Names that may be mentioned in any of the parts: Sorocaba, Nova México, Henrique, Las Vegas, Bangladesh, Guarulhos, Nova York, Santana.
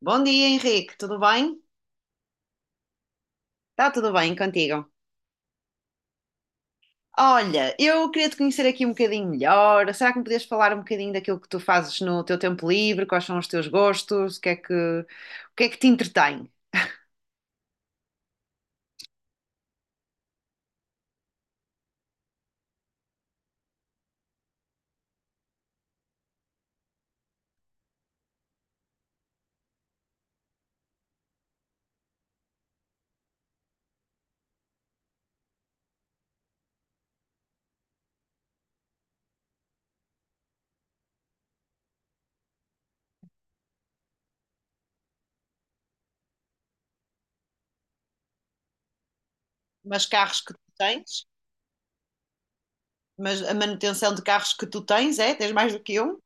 Bom dia, Henrique. Tudo bem? Está tudo bem contigo? Olha, eu queria te conhecer aqui um bocadinho melhor. Será que me podias falar um bocadinho daquilo que tu fazes no teu tempo livre? Quais são os teus gostos? O que é que te entretém? Mas carros que tu tens? Mas a manutenção de carros que tu tens, é? Tens mais do que um?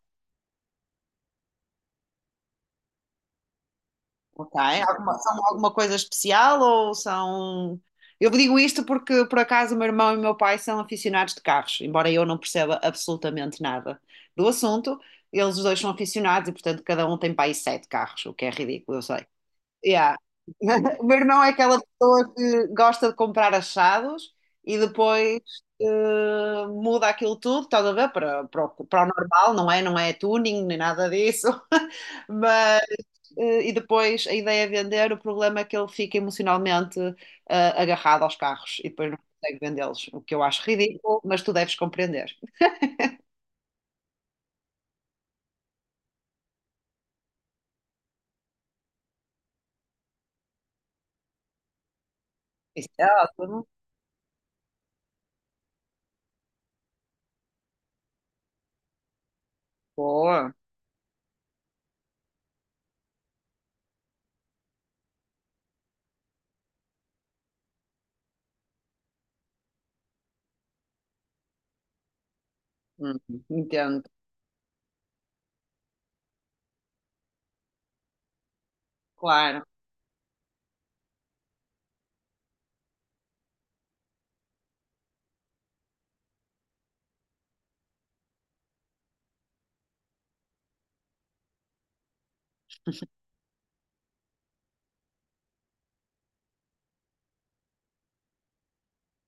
Ok. Alguma, são alguma coisa especial ou são? Eu digo isto porque, por acaso, o meu irmão e o meu pai são aficionados de carros, embora eu não perceba absolutamente nada do assunto. Eles os dois são aficionados e, portanto, cada um tem para aí sete carros, o que é ridículo, eu sei. Yeah. O meu irmão é aquela pessoa que gosta de comprar achados e depois muda aquilo tudo, estás a ver? Para o normal, não é? Não é tuning nem nada disso. Mas, e depois a ideia é vender. O problema é que ele fica emocionalmente agarrado aos carros e depois não consegue vendê-los, o que eu acho ridículo, mas tu deves compreender. Isso é ótimo. Boa. Hum, entendo, claro.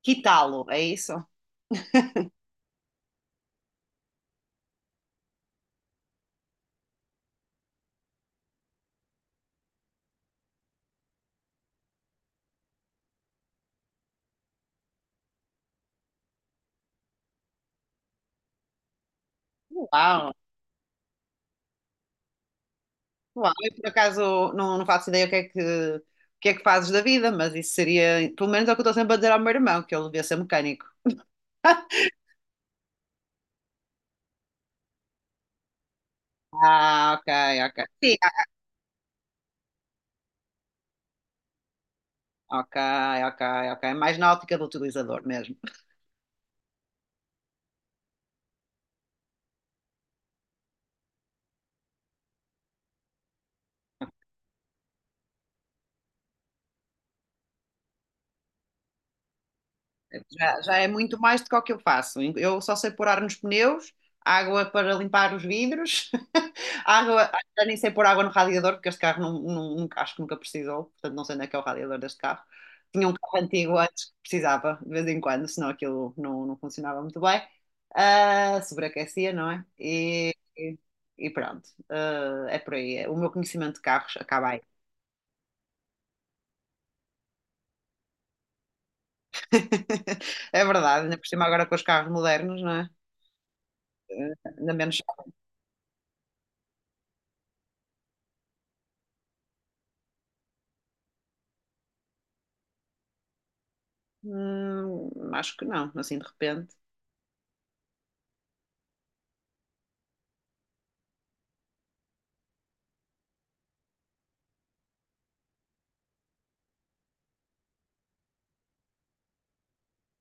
Quitá-lo, é isso? Uau! Uau, eu por acaso não faço ideia o que é que fazes da vida, mas isso seria, pelo menos é o que eu estou sempre a dizer ao meu irmão, que ele devia ser mecânico. Ah, ok. Sim, ah, ok, ok, ok. Mais na ótica do utilizador mesmo. Já é muito mais do que o que eu faço. Eu só sei pôr ar nos pneus, água para limpar os vidros, água, já nem sei pôr água no radiador, porque este carro acho que nunca precisou, portanto não sei onde é que é o radiador deste carro. Tinha um carro antigo antes que precisava, de vez em quando, senão aquilo não funcionava muito bem. Ah, sobreaquecia, não é? E pronto. Ah, é por aí. É. O meu conhecimento de carros acaba aí. É verdade, ainda por cima agora com os carros modernos, não é? Ah, ainda menos. Acho que não, assim de repente.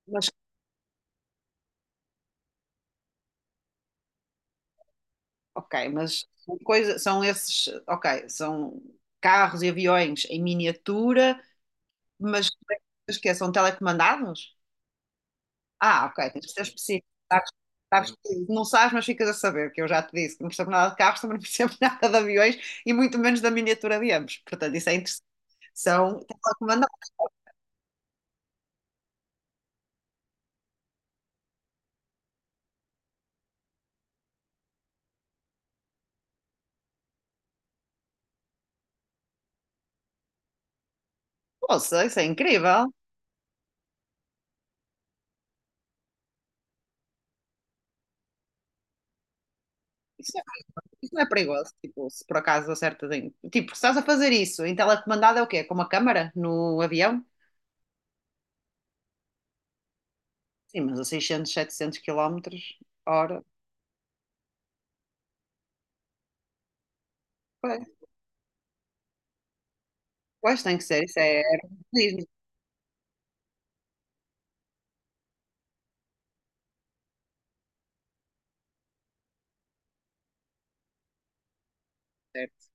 Mas, ok, mas são coisa, são esses, ok, são carros e aviões em miniatura, mas, mas que é, são telecomandados? Ah, ok, tens que ser específico. Sabes, sabes que não sabes, mas ficas a saber, que eu já te disse que não percebo nada de carros, também não percebo nada de aviões e muito menos da miniatura de ambos. Portanto, isso é interessante. São telecomandados. Poxa, isso é incrível. Isso não é perigoso, tipo, se por acaso acertas em... Tipo, se estás a fazer isso em telecomandado é o quê? Com uma câmara no avião? Sim, mas a 600, 700 quilómetros hora. Pois, pois, tem que ser, isso é aeromodelismo, certo?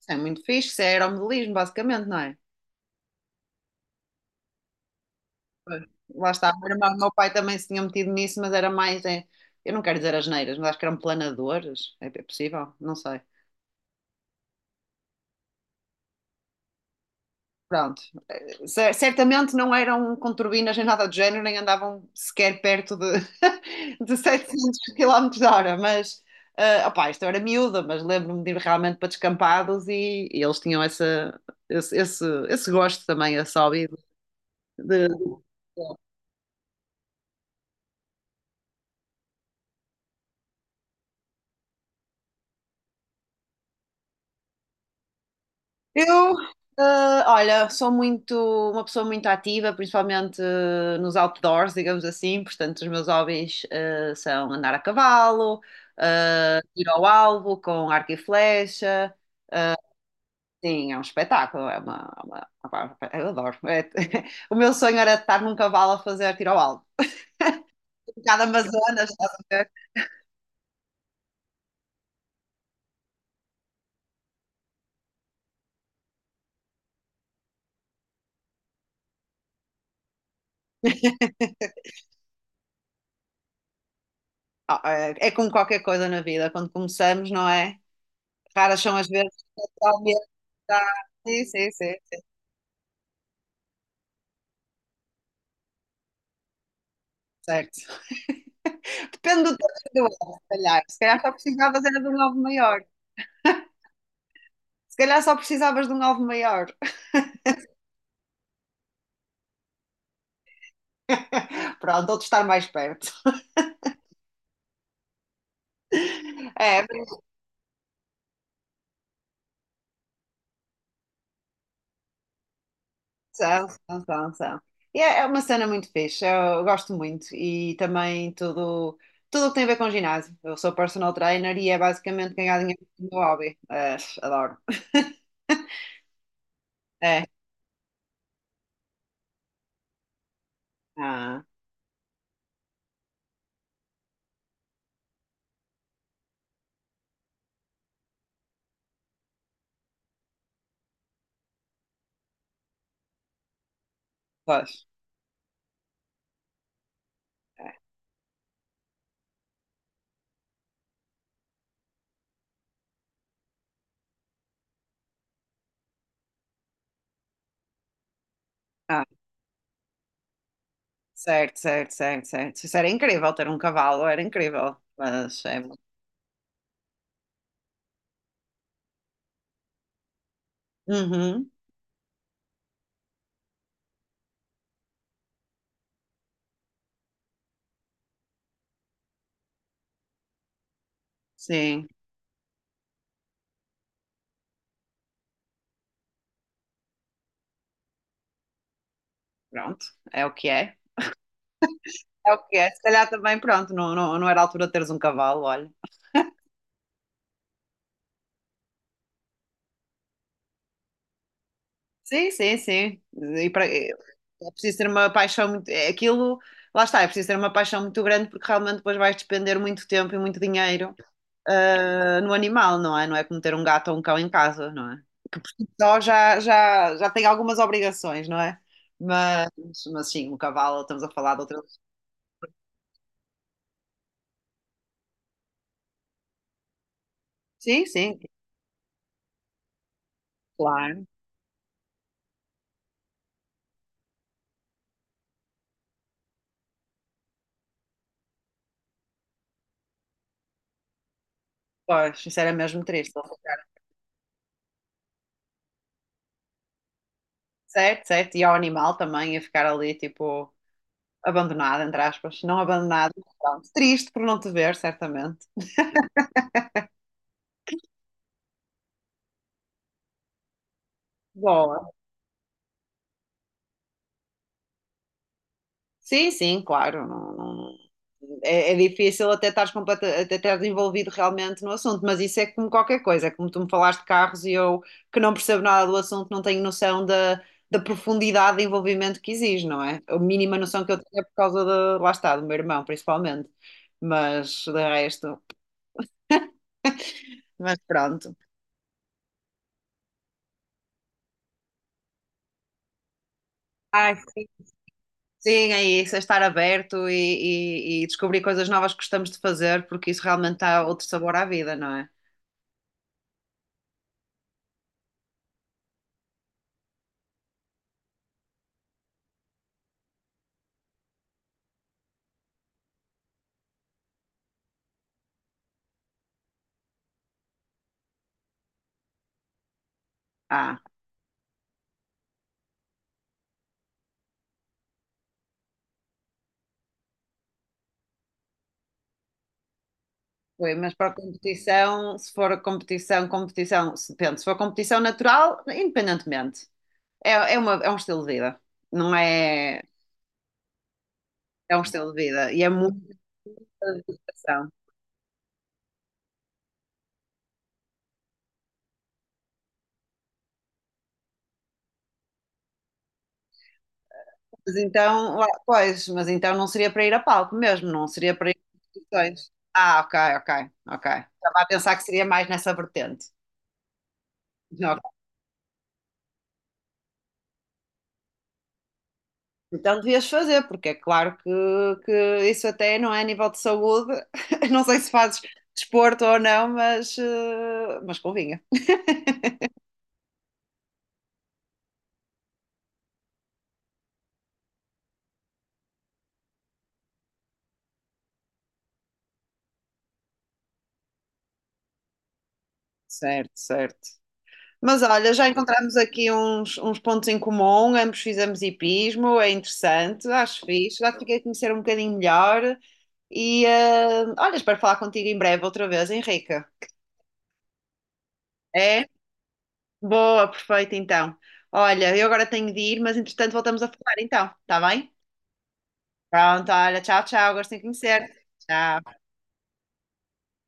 Isso é muito fixe, isso é aeromodelismo, basicamente, não é? Pois, lá está, o meu irmão, o meu pai também se tinha metido nisso, mas era mais, é, eu não quero dizer asneiras, mas acho que eram planadores, é é possível, não sei. Pronto, certamente não eram com turbinas nem nada do género, nem andavam sequer perto de, de 700 km hora, mas ah, opá, isto eu era miúda, mas lembro-me de ir realmente para descampados e eles tinham esse gosto também, esse hobby de- Eu, olha, sou uma pessoa muito ativa, principalmente nos outdoors, digamos assim. Portanto, os meus hobbies são andar a cavalo, ir ao alvo com arco e flecha. Sim, é um espetáculo, é uma- opá, eu adoro. É- o meu sonho era estar num cavalo a fazer tiro ao alvo. Um bocado Amazonas, estás a ver? Ah, é é como qualquer coisa na vida, quando começamos, não é? Raras são as vezes que realmente dá- Sim, sim, sim, certo. Depende do tamanho do ovo, se calhar. Se calhar só precisavas era de um alvo maior. Se calhar só precisavas de um alvo maior. Pronto, outro estar mais perto. É, mas são, são, são, são. E é é uma cena muito fixe, eu gosto muito. E também tudo, tudo o que tem a ver com ginásio. Eu sou personal trainer e é basicamente ganhar dinheiro com o meu hobby. É, adoro. É. Ah, pois. É. Ah, certo. Isso era incrível ter um cavalo, era incrível. Mas é. Uhum. Sim, pronto, é o que é. É o que é. Se calhar também, pronto, não era a altura de teres um cavalo, olha. Sim, sim, sim. E para, é preciso ter uma paixão muito. É aquilo, lá está, é preciso ter uma paixão muito grande porque realmente depois vais despender muito tempo e muito dinheiro, no animal, não é? Não é como ter um gato ou um cão em casa, não é? Só já tem algumas obrigações, não é? Mas, mas sim, o cavalo, estamos a falar de outras. Sim, sim, claro. Pois, isso era mesmo triste. Certo, certo. E ao animal também, a ficar ali, tipo, abandonado, entre aspas. Não abandonado, mas pronto. Triste por não te ver, certamente. Boa. Sim, sim, claro. Não, não- É, é difícil até estares completa, até estares envolvido realmente no assunto, mas isso é como qualquer coisa. É como tu me falaste de carros e eu, que não percebo nada do assunto, não tenho noção da, da profundidade de envolvimento que exige, não é? A mínima noção que eu tenho é por causa de, lá está, do meu irmão, principalmente. Mas, de resto, mas pronto. Ai, sim. Sim, é isso, é estar aberto e descobrir coisas novas que gostamos de fazer, porque isso realmente dá outro sabor à vida, não é? Ah, foi, mas para a competição, se for a competição, competição, se- depende, se for competição natural, independentemente, é um estilo de vida, não é? É um estilo de vida e é muita dedicação. Mas então, lá- pois, mas então não seria para ir a palco mesmo, não seria para ir a competições. Ah, ok. Estava a pensar que seria mais nessa vertente. Ok. Então devias fazer, porque é claro que isso até não é a nível de saúde. Não sei se fazes desporto ou não, mas, mas convinha. Certo, certo. Mas olha, já encontramos aqui uns, uns pontos em comum, ambos fizemos hipismo, é interessante, acho fixe, já te fiquei a conhecer um bocadinho melhor e olha, espero falar contigo em breve outra vez, Henrique. É? Boa, perfeito então. Olha, eu agora tenho de ir, mas entretanto voltamos a falar então, está bem? Pronto, olha, tchau, tchau, gosto em conhecer. Tchau.